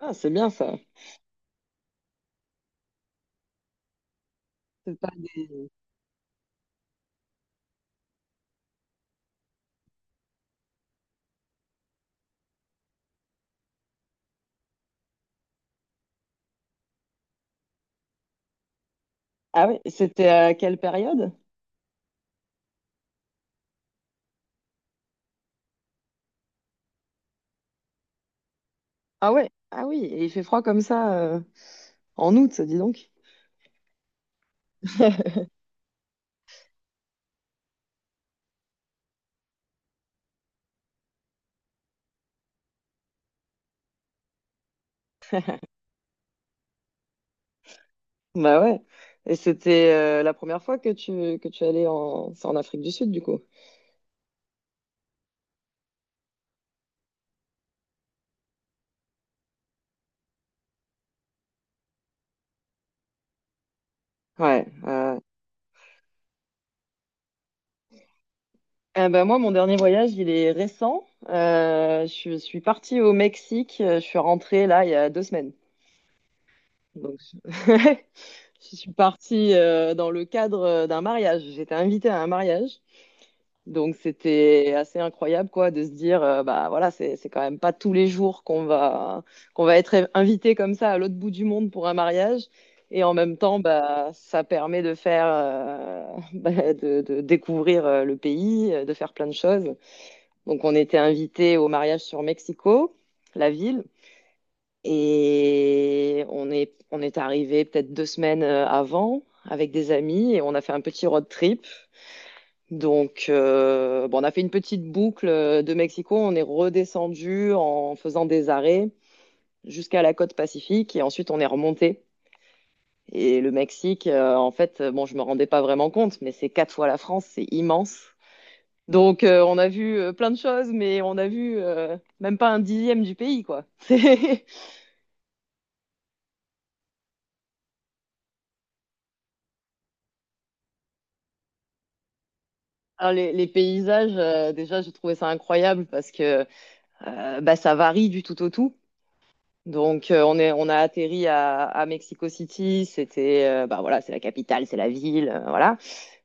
Ah, c'est bien ça. C'est pas des. Ah oui, c'était à quelle période? Ah ouais, ah oui, et il fait froid comme ça en août, dis donc. Bah ouais. Et c'était la première fois que tu allais en c'est en Afrique du Sud du coup. Ouais. Eh ben moi mon dernier voyage il est récent. Je suis partie au Mexique. Je suis rentrée là il y a 2 semaines. Donc je, je suis partie dans le cadre d'un mariage. J'étais invitée à un mariage. Donc c'était assez incroyable quoi de se dire bah voilà, c'est quand même pas tous les jours qu'on va être invité comme ça à l'autre bout du monde pour un mariage. Et en même temps bah ça permet de faire bah, de découvrir le pays, de faire plein de choses. Donc on était invité au mariage sur Mexico, la ville, et on est arrivé peut-être 2 semaines avant avec des amis, et on a fait un petit road trip. Donc, bon, on a fait une petite boucle de Mexico. On est redescendu en faisant des arrêts jusqu'à la côte pacifique, et ensuite on est remonté. Et le Mexique, en fait, bon, je me rendais pas vraiment compte, mais c'est quatre fois la France, c'est immense. Donc, on a vu plein de choses, mais on a vu même pas un dixième du pays, quoi. Alors, les paysages, déjà, je trouvais ça incroyable parce que bah, ça varie du tout au tout. Donc, on a atterri à Mexico City. C'était, bah voilà, c'est la capitale, c'est la ville, voilà.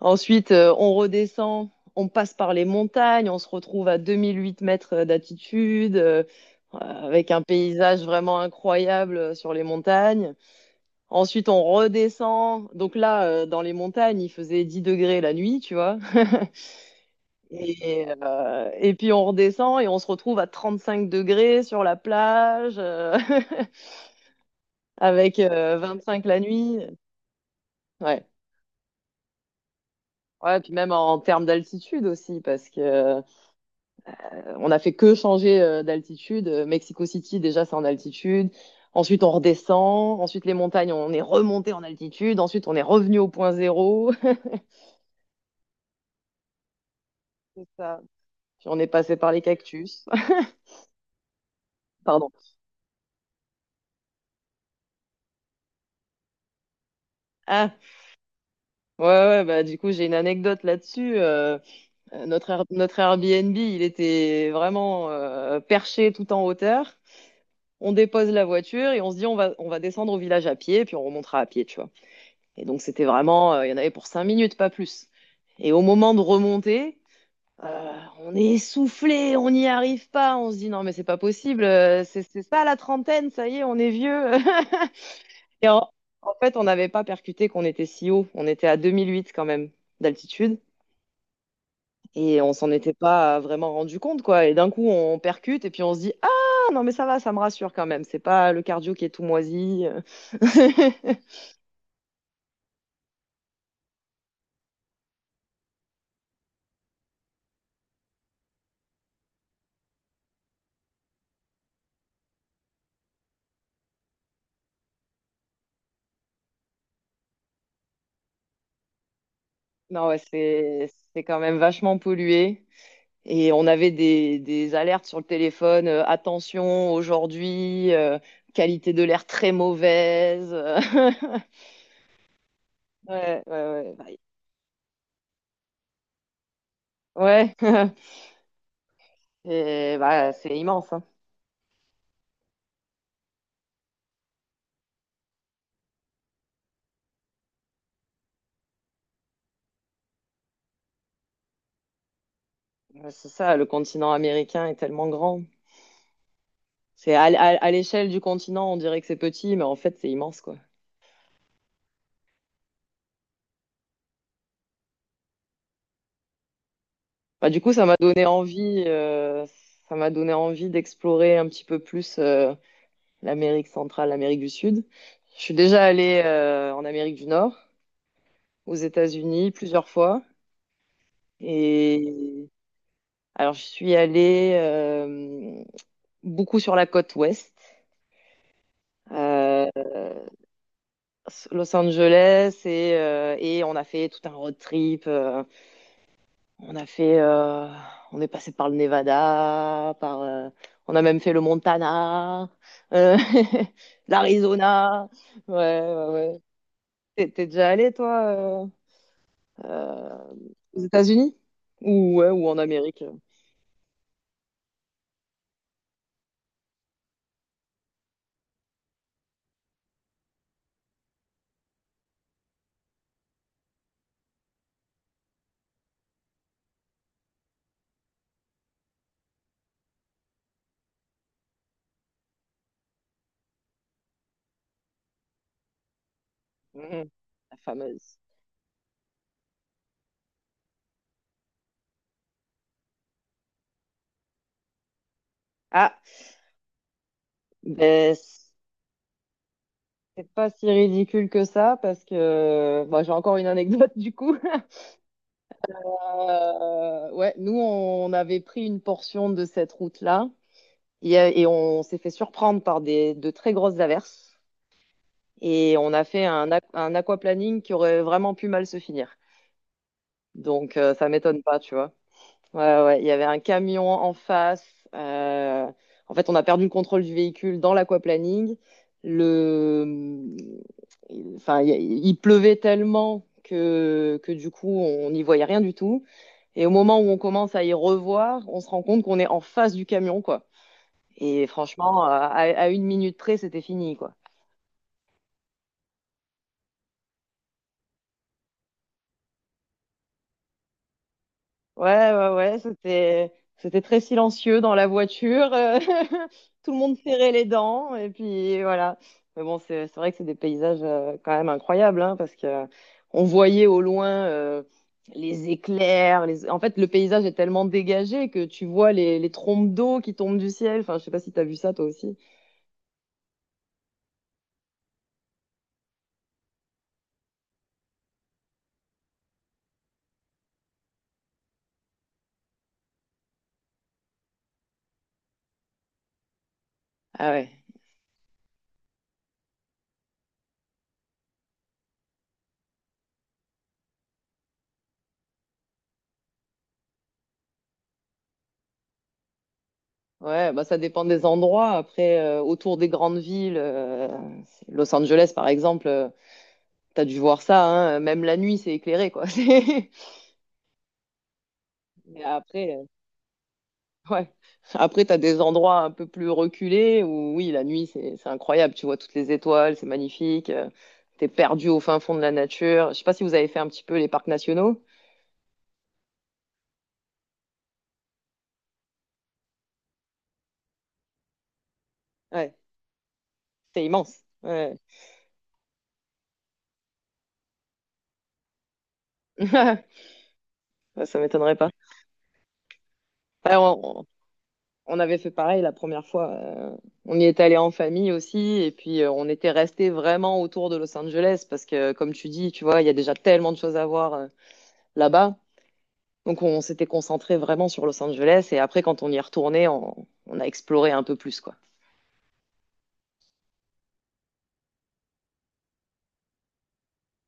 Ensuite, on redescend, on passe par les montagnes, on se retrouve à 2008 mètres d'altitude, avec un paysage vraiment incroyable sur les montagnes. Ensuite, on redescend. Donc là, dans les montagnes, il faisait 10 degrés la nuit, tu vois. Et puis on redescend et on se retrouve à 35 degrés sur la plage. Avec 25 la nuit. Ouais. Ouais, puis même en termes d'altitude aussi, parce que on a fait que changer d'altitude. Mexico City, déjà, c'est en altitude. Ensuite, on redescend. Ensuite, les montagnes, on est remonté en altitude. Ensuite, on est revenu au point zéro. C'est ça. Puis on est passé par les cactus. Pardon. Ah, ouais, ouais, bah, du coup, j'ai une anecdote là-dessus. Notre Airbnb, il était vraiment perché tout en hauteur. On dépose la voiture et on se dit on va, descendre au village à pied, et puis on remontera à pied, tu vois. Et donc c'était vraiment, il y en avait pour 5 minutes, pas plus. Et au moment de remonter, on est essoufflé, on n'y arrive pas, on se dit non mais c'est pas possible, c'est ça la trentaine, ça y est, on est vieux. Et en fait, on n'avait pas percuté qu'on était si haut, on était à 2008 quand même d'altitude. Et on s'en était pas vraiment rendu compte, quoi. Et d'un coup, on percute et puis on se dit, ah, non, mais ça va, ça me rassure quand même. C'est pas le cardio qui est tout moisi. Non, ouais, c'est quand même vachement pollué. Et on avait des alertes sur le téléphone, attention aujourd'hui, qualité de l'air très mauvaise. Ouais, ouais, ouais. Bah, ouais, et bah, c'est immense, hein. C'est ça, le continent américain est tellement grand. C'est à, à- à l'échelle du continent, on dirait que c'est petit, mais en fait, c'est immense, quoi. Bah, du coup, ça m'a donné envie, d'explorer un petit peu plus l'Amérique centrale, l'Amérique du Sud. Je suis déjà allée en Amérique du Nord, aux États-Unis, plusieurs fois. Et alors, je suis allée beaucoup sur la côte ouest. euh, Los Angeles, et on a fait tout un road trip. On a fait, euh, on est passé par le Nevada, par, on a même fait le Montana, euh, l'Arizona. Ouais, ouais, ouais. T'es déjà allé, toi, euh, euh, aux États-Unis? Ouais, ou en Amérique? Mhm. La fameuse. Ah, ben, c'est pas si ridicule que ça, parce que bah, j'ai encore une anecdote, du coup. Ouais, nous, on avait pris une portion de cette route-là. Et on s'est fait surprendre par des, de très grosses averses. Et on a fait un aquaplaning qui aurait vraiment pu mal se finir. Donc, ça m'étonne pas, tu vois. Ouais, ouais, il y avait un camion en face. euh, En fait, on a perdu le contrôle du véhicule dans l'aquaplaning. Le. Enfin, il pleuvait tellement que du coup, on n'y voyait rien du tout. Et au moment où on commence à y revoir, on se rend compte qu'on est en face du camion, quoi. Et franchement, à 1 minute près, c'était fini, quoi. Ouais, ouais, ouais, c'était très silencieux dans la voiture. Tout le monde serrait les dents. Et puis voilà. Mais bon, c'est vrai que c'est des paysages quand même incroyables, hein, parce que on voyait au loin les éclairs. Les. En fait, le paysage est tellement dégagé que tu vois les trombes d'eau qui tombent du ciel. Enfin, je sais pas si tu as vu ça toi aussi. Ah ouais. Ouais, bah ça dépend des endroits. Après, autour des grandes villes, Los Angeles par exemple, t'as dû voir ça, hein, même la nuit c'est éclairé quoi. Mais après, ouais. Après, t'as des endroits un peu plus reculés où oui, la nuit c'est incroyable. Tu vois toutes les étoiles, c'est magnifique. T'es perdu au fin fond de la nature. Je sais pas si vous avez fait un petit peu les parcs nationaux. Ouais, c'est immense. Ouais. Ça m'étonnerait pas. Ouais, on avait fait pareil la première fois. On y est allé en famille aussi, et puis on était resté vraiment autour de Los Angeles parce que, comme tu dis, tu vois, il y a déjà tellement de choses à voir là-bas. Donc on s'était concentré vraiment sur Los Angeles, et après quand on y est retourné, on a exploré un peu plus, quoi.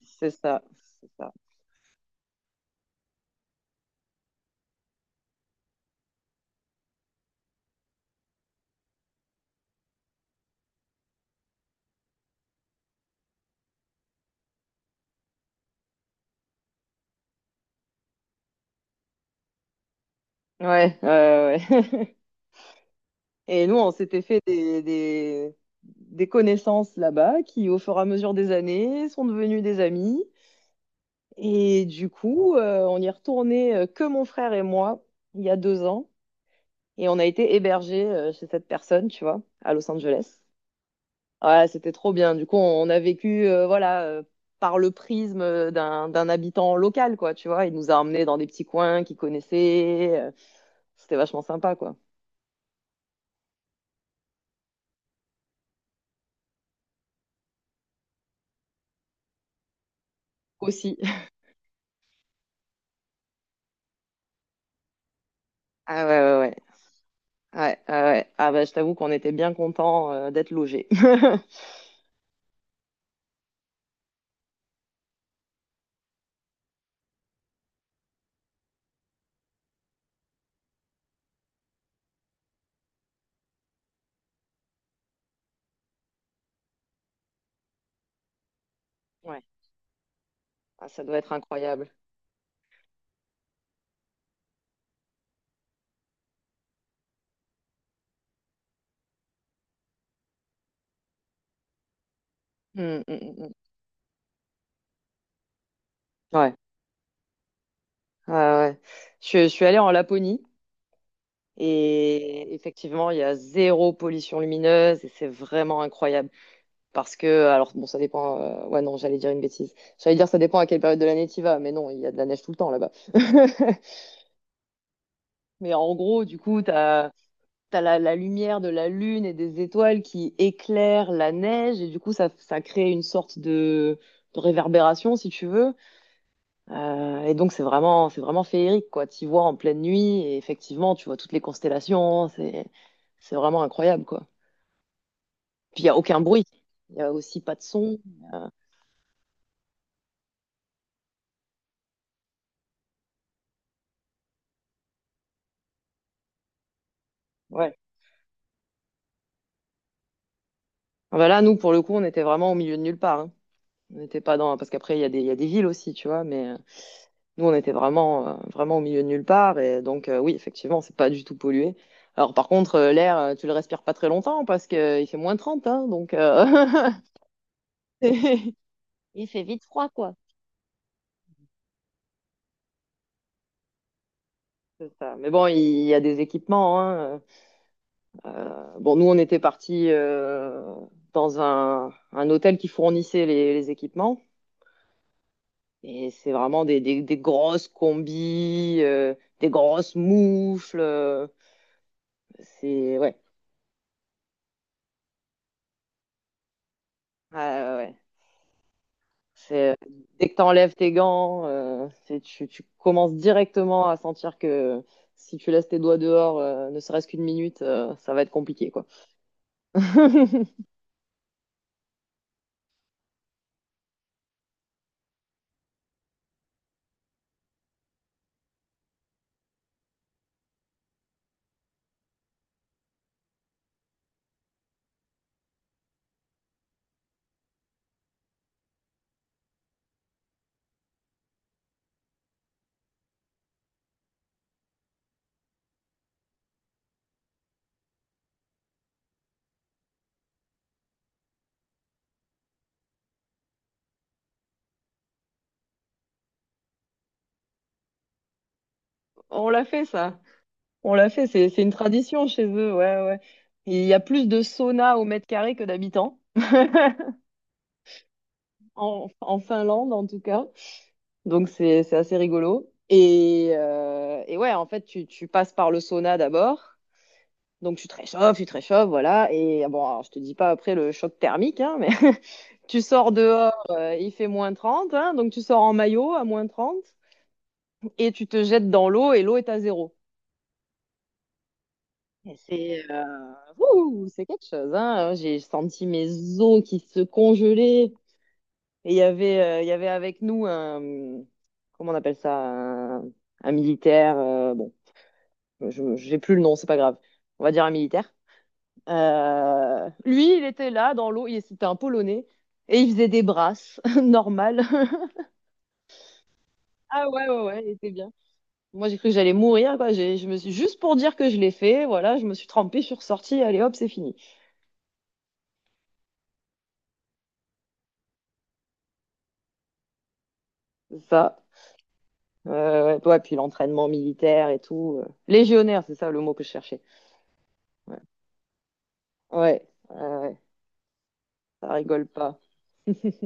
C'est ça, c'est ça. Ouais, ouais, ouais. Et nous, on s'était fait des connaissances là-bas qui, au fur et à mesure des années, sont devenues des amis. Et du coup, on y est retourné que mon frère et moi il y a 2 ans. Et on a été hébergés chez cette personne, tu vois, à Los Angeles. Ouais, c'était trop bien. Du coup, a vécu, voilà, par le prisme d'un habitant local, quoi, tu vois. Il nous a emmenés dans des petits coins qu'il connaissait. C'était vachement sympa, quoi. Aussi. Ah ouais, ouais, ouais. Ouais, ouais, ouais. Ah bah, je t'avoue qu'on était bien contents d'être logés. Ouais. Ah, ça doit être incroyable. Mm, mm, mm, mm. Ouais. Ouais, ouais. Je suis allée en Laponie, et effectivement, il y a zéro pollution lumineuse et c'est vraiment incroyable. Parce que, alors bon, ça dépend. Ouais, non, j'allais dire une bêtise. J'allais dire ça dépend à quelle période de l'année tu y vas, mais non, il y a de la neige tout le temps là-bas. Mais en gros, du coup, t'as la lumière de la lune et des étoiles qui éclairent la neige et du coup, ça crée une sorte de réverbération, si tu veux. Et donc c'est vraiment féerique quoi. Tu vois en pleine nuit et effectivement tu vois toutes les constellations. C'est vraiment incroyable quoi. Puis il y a aucun bruit. Il y a aussi pas de son. Ouais. Ah bah là nous pour le coup on était vraiment au milieu de nulle part. Hein. On n'était pas dans parce qu'après il y a des, il y a des villes aussi tu vois. Mais nous on était vraiment, vraiment au milieu de nulle part et donc oui effectivement c'est pas du tout pollué. Alors par contre l'air tu le respires pas très longtemps parce que il fait -30, hein, donc il fait vite froid, quoi. C'est ça. Mais bon, il y a des équipements. Hein. Bon, nous, on était partis dans un hôtel qui fournissait les équipements. Et c'est vraiment des grosses combis, des grosses moufles. C'est ouais, Ah, ouais, ouais. C'est dès que t'enlèves tes gants, tu commences directement à sentir que si tu laisses tes doigts dehors, ne serait-ce qu'1 minute, ça va être compliqué, quoi. On l'a fait, ça. On l'a fait, c'est une tradition chez eux, ouais, ouais. Il y a plus de saunas au mètre carré que d'habitants, en Finlande en tout cas. Donc c'est assez rigolo. Et ouais, en fait, tu passes par le sauna d'abord. Donc tu te réchauffes, voilà. Et bon, alors, je te dis pas après le choc thermique, hein, mais tu sors dehors, il fait -30. Hein, donc tu sors en maillot à -30. Et tu te jettes dans l'eau et l'eau est à zéro. Et c'est ouh, c'est quelque chose, hein. J'ai senti mes os qui se congelaient. Et il y avait avec nous un, comment on appelle ça, un militaire. Bon, j'ai plus le nom, c'est pas grave. On va dire un militaire. Lui, il était là dans l'eau. Il c'était un Polonais et il faisait des brasses normales. Ah ouais, ouais, ouais, il était bien. Moi, j'ai cru que j'allais mourir, quoi. Je me suis juste pour dire que je l'ai fait. Voilà, je me suis trempée, je suis ressortie. Allez, hop, c'est fini. Ça. Ouais, ouais, ouais, puis l'entraînement militaire et tout. Légionnaire, c'est ça le mot que je cherchais. Ouais, ouais, ouais, ouais, ça rigole pas.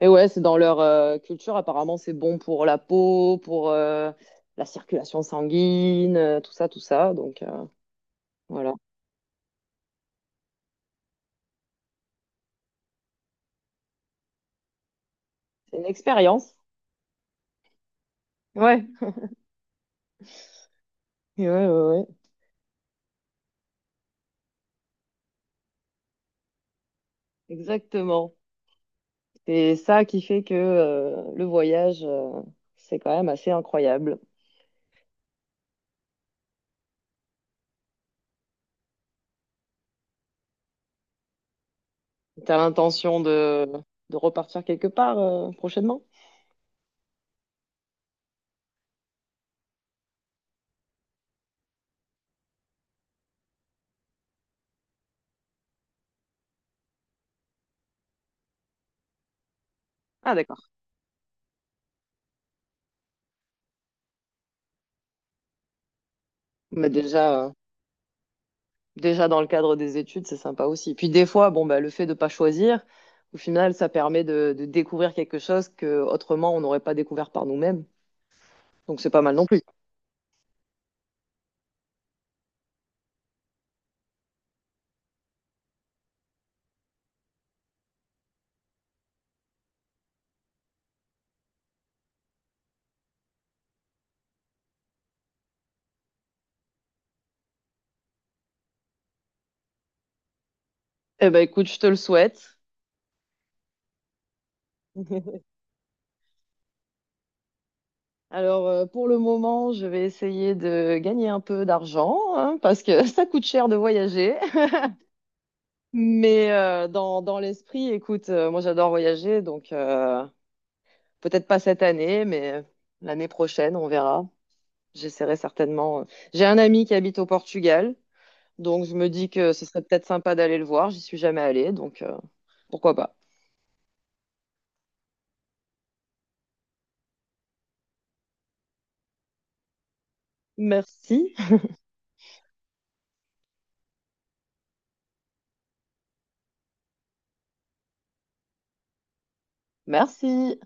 Et ouais, c'est dans leur culture, apparemment, c'est bon pour la peau, pour la circulation sanguine, tout ça, tout ça. Donc voilà, c'est une expérience. Ouais, ouais, ouais, ouais. Exactement. C'est ça qui fait que le voyage, c'est quand même assez incroyable. T'as l'intention de repartir quelque part prochainement? Ah, d'accord. Mais déjà, déjà dans le cadre des études, c'est sympa aussi. Puis des fois, bon, bah, le fait de pas choisir, au final, ça permet de découvrir quelque chose que autrement on n'aurait pas découvert par nous-mêmes. Donc c'est pas mal non plus. Eh ben écoute, je te le souhaite. Alors pour le moment, je vais essayer de gagner un peu d'argent hein, parce que ça coûte cher de voyager. Mais dans, dans l'esprit, écoute, moi j'adore voyager, donc peut-être pas cette année, mais l'année prochaine, on verra. J'essaierai certainement. J'ai un ami qui habite au Portugal, donc je me dis que ce serait peut-être sympa d'aller le voir. J'y suis jamais allée, donc pourquoi pas. Merci. Merci.